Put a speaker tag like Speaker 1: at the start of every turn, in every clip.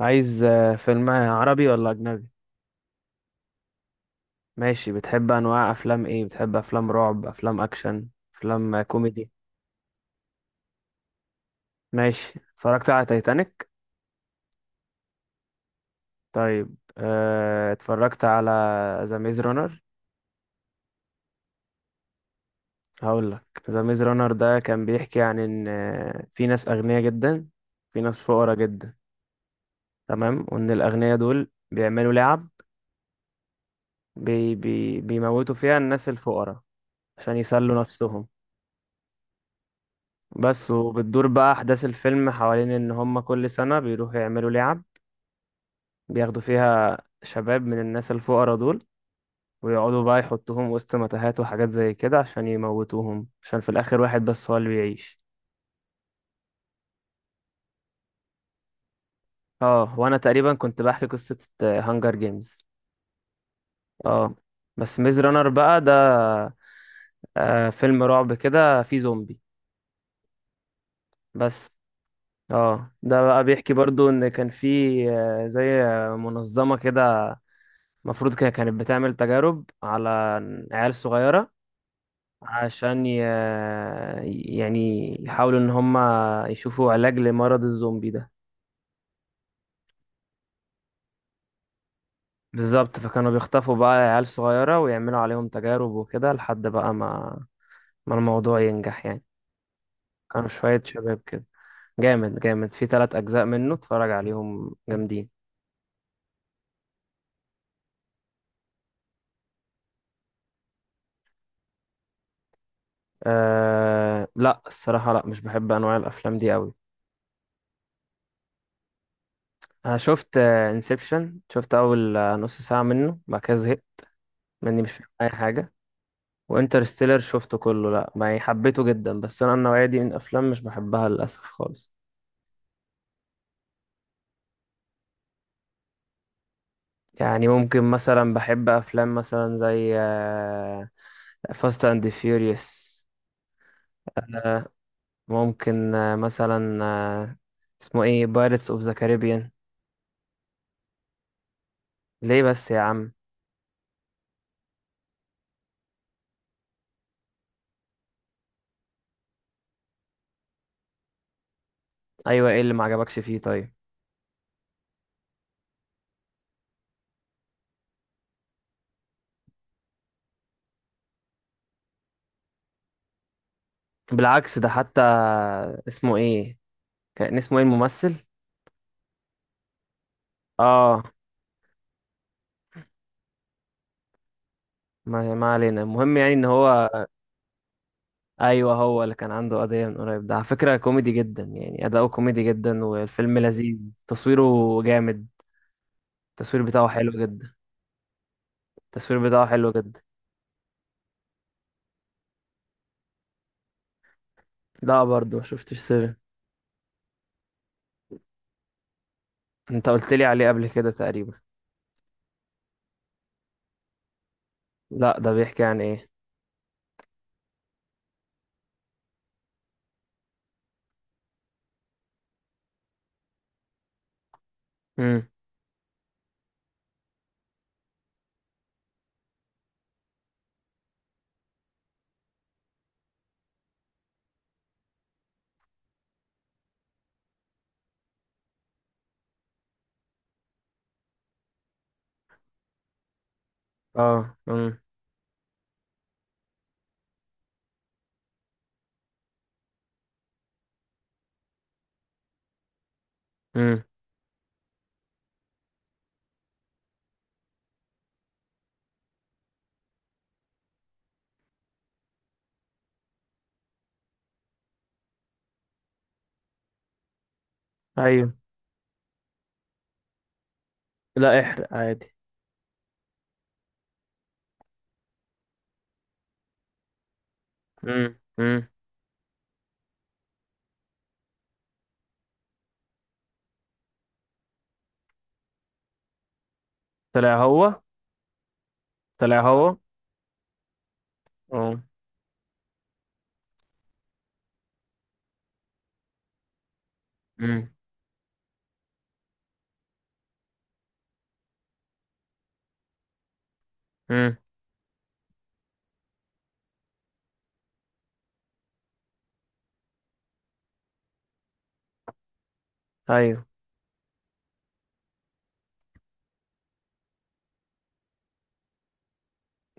Speaker 1: عايز فيلم عربي ولا أجنبي؟ ماشي، بتحب أنواع أفلام إيه؟ بتحب أفلام رعب، أفلام أكشن، أفلام كوميدي؟ ماشي، اتفرجت على تايتانيك؟ طيب، اتفرجت على ذا ميز رانر؟ هقول لك. ذا ميز رانر ده كان بيحكي عن إن في ناس أغنياء جدا، في ناس فقراء جدا. تمام، وإن الأغنياء دول بيعملوا لعب بي بي بيموتوا فيها الناس الفقراء عشان يسلوا نفسهم. بس، وبتدور بقى أحداث الفيلم حوالين إن هما كل سنة بيروحوا يعملوا لعب بياخدوا فيها شباب من الناس الفقراء دول، ويقعدوا بقى يحطوهم وسط متاهات وحاجات زي كده عشان يموتوهم، عشان في الآخر واحد بس هو اللي بيعيش. اه، وأنا تقريبا كنت بحكي قصة هانجر جيمز. اه، بس ميز رانر بقى ده فيلم رعب كده فيه زومبي، بس. اه، ده بقى بيحكي برضو ان كان في زي منظمة كده. المفروض كده كانت بتعمل تجارب على عيال صغيرة عشان يعني يحاولوا إن هم يشوفوا علاج لمرض الزومبي ده. بالظبط، فكانوا بيخطفوا بقى عيال صغيرة ويعملوا عليهم تجارب وكده لحد بقى ما الموضوع ينجح يعني. كانوا شوية شباب كده. جامد جامد، في 3 أجزاء منه اتفرج عليهم جامدين. لا الصراحة، لا مش بحب أنواع الأفلام دي أوي. أنا شفت انسبشن، شفت أول نص ساعة منه بعد كده زهقت. ماني مش فاهم اي حاجه. وانترستيلر شفته كله، لا يعني حبيته جدا بس انا النوعيه دي من الافلام مش بحبها للاسف خالص. يعني ممكن مثلا بحب افلام مثلا زي فاست اند فيوريوس. ممكن مثلا، اسمه ايه، بايرتس اوف ذا كاريبيان. ليه بس يا عم؟ ايوه، ايه اللي ما عجبكش فيه طيب؟ بالعكس ده حتى. اسمه ايه؟ كان اسمه ايه الممثل؟ اه. ما علينا، المهم يعني ان هو. ايوه، هو اللي كان عنده قضيه من قريب ده، على فكره كوميدي جدا يعني اداؤه كوميدي جدا، والفيلم لذيذ تصويره جامد. التصوير بتاعه حلو جدا. التصوير بتاعه حلو جدا. لا برضه، ما شفتش سيفن. انت قلت لي عليه قبل كده تقريبا. لا، ده بيحكي عن ايه؟ امم. اه. امم. امم. ايوه. لا احرق عادي. امم. امم. طلع هو؟ طلع هو؟ اه. امم. امم. ايوه.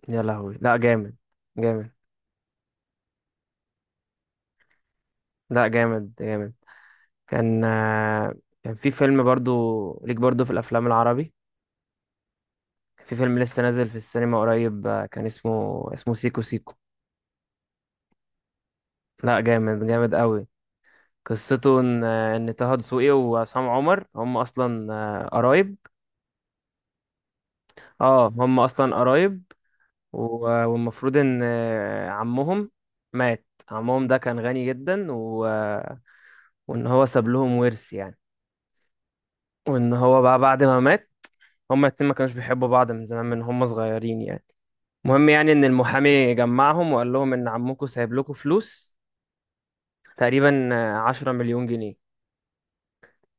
Speaker 1: يا لهوي! لا جامد جامد. لا جامد جامد. كان آه، كان في فيلم برضو ليك برضو في الافلام العربي. في فيلم لسه نازل في السينما قريب، كان اسمه سيكو سيكو. لا، جامد جامد قوي. قصته ان ان طه دسوقي وعصام عمر هم اصلا قرايب. اه، هم اصلا قرايب. والمفروض ان عمهم مات. عمهم ده كان غني جدا و... آه، وان هو ساب لهم ورث يعني. وان هو بقى بعد ما مات، هما الاتنين ما كانوش بيحبوا بعض من زمان من هما صغيرين يعني. المهم يعني ان المحامي جمعهم وقال لهم ان عمكم سايب لكم فلوس تقريبا 10 مليون جنيه.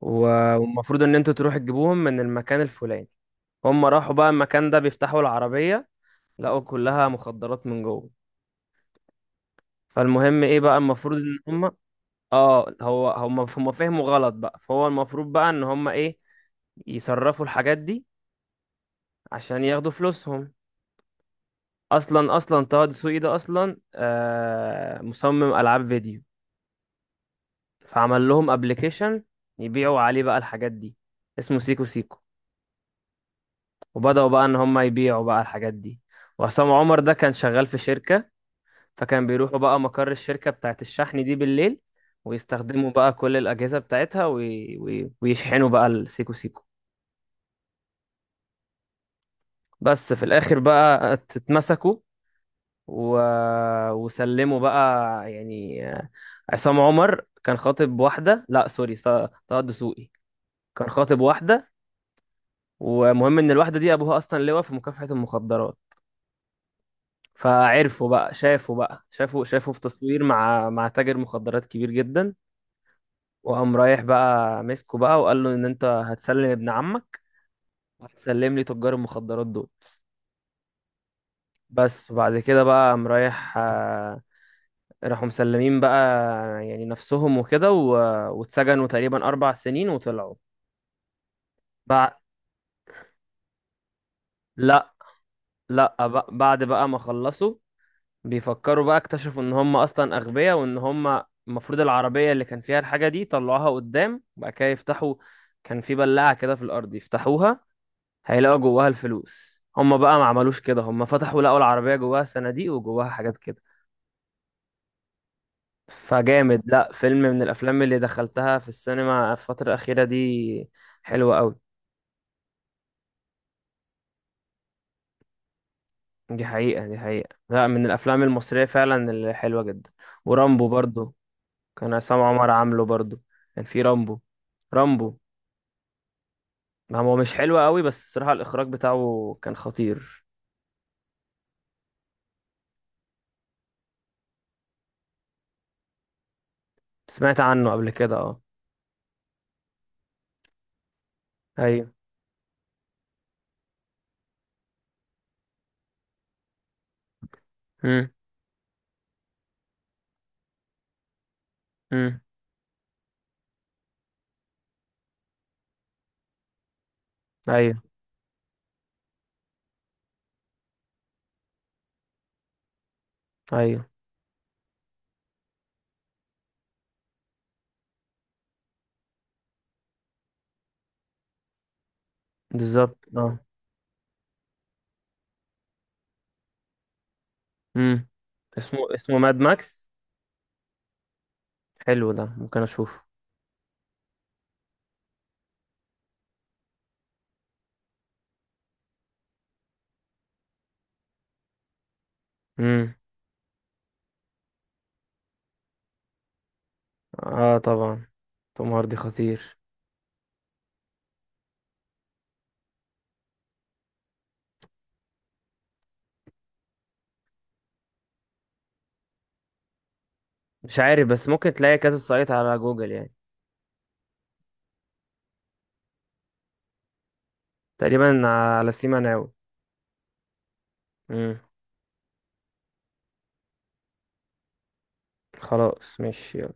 Speaker 1: والمفروض ان انتوا تروحوا تجيبوهم من المكان الفلاني. هم راحوا بقى المكان ده بيفتحوا العربية لقوا كلها مخدرات من جوه. فالمهم ايه بقى المفروض ان هم، اه هو هم فهموا غلط بقى، فهو المفروض بقى ان هم ايه يصرفوا الحاجات دي عشان ياخدوا فلوسهم. اصلا طه دسوقي ده اصلا مصمم العاب فيديو. فعمل لهم ابلكيشن يبيعوا عليه بقى الحاجات دي، اسمه سيكو سيكو. وبدأوا بقى ان هم يبيعوا بقى الحاجات دي. وعصام عمر ده كان شغال في شركة، فكان بيروحوا بقى مقر الشركة بتاعت الشحن دي بالليل ويستخدموا بقى كل الأجهزة بتاعتها ويشحنوا بقى السيكو سيكو. بس في الآخر بقى اتمسكوا و... وسلموا بقى، يعني عصام عمر كان خاطب واحدة، لا سوري، طه الدسوقي كان خاطب واحدة. ومهم ان الواحده دي ابوها اصلا لواء في مكافحه المخدرات. فعرفوا بقى، شافوا بقى، شافوا في تصوير مع تاجر مخدرات كبير جدا. وقام رايح بقى مسكه بقى وقال له ان انت هتسلم ابن عمك. وهتسلم لي تجار المخدرات دول. بس، وبعد كده بقى قام رايح راحوا مسلمين بقى، يعني نفسهم وكده واتسجنوا تقريبا 4 سنين وطلعوا. بع- لا لا، بعد بقى ما خلصوا بيفكروا بقى اكتشفوا ان هم اصلا اغبياء، وان هم المفروض العربية اللي كان فيها الحاجة دي طلعوها قدام وبعد كده يفتحوا. كان في بلاعة كده في الارض يفتحوها هيلاقوا جواها الفلوس، هم بقى ما عملوش كده، هم فتحوا لقوا العربية جواها صناديق وجواها حاجات كده. فجامد، لا فيلم من الافلام اللي دخلتها في السينما في الفترة الأخيرة دي، حلوة قوي. دي حقيقة، دي حقيقة، لا من الافلام المصرية فعلا اللي حلوة جدا. ورامبو برضو، كان عصام عمر عامله برضو، كان في رامبو. رامبو. ما هو مش حلو قوي، بس الصراحة الإخراج بتاعه كان خطير. سمعت عنه قبل كده، اه. أيوه. امم. امم. أيوه. أيوه. بالظبط، اه. امم. اسمه ماد ماكس. حلو، ده ممكن أشوفه. امم. اه طبعا. توم هاردي خطير. مش عارف، بس ممكن تلاقي كذا سايت على جوجل يعني. تقريبا، على سيما ناو. امم. خلاص ماشي يلا.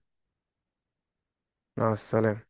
Speaker 1: مع السلامة.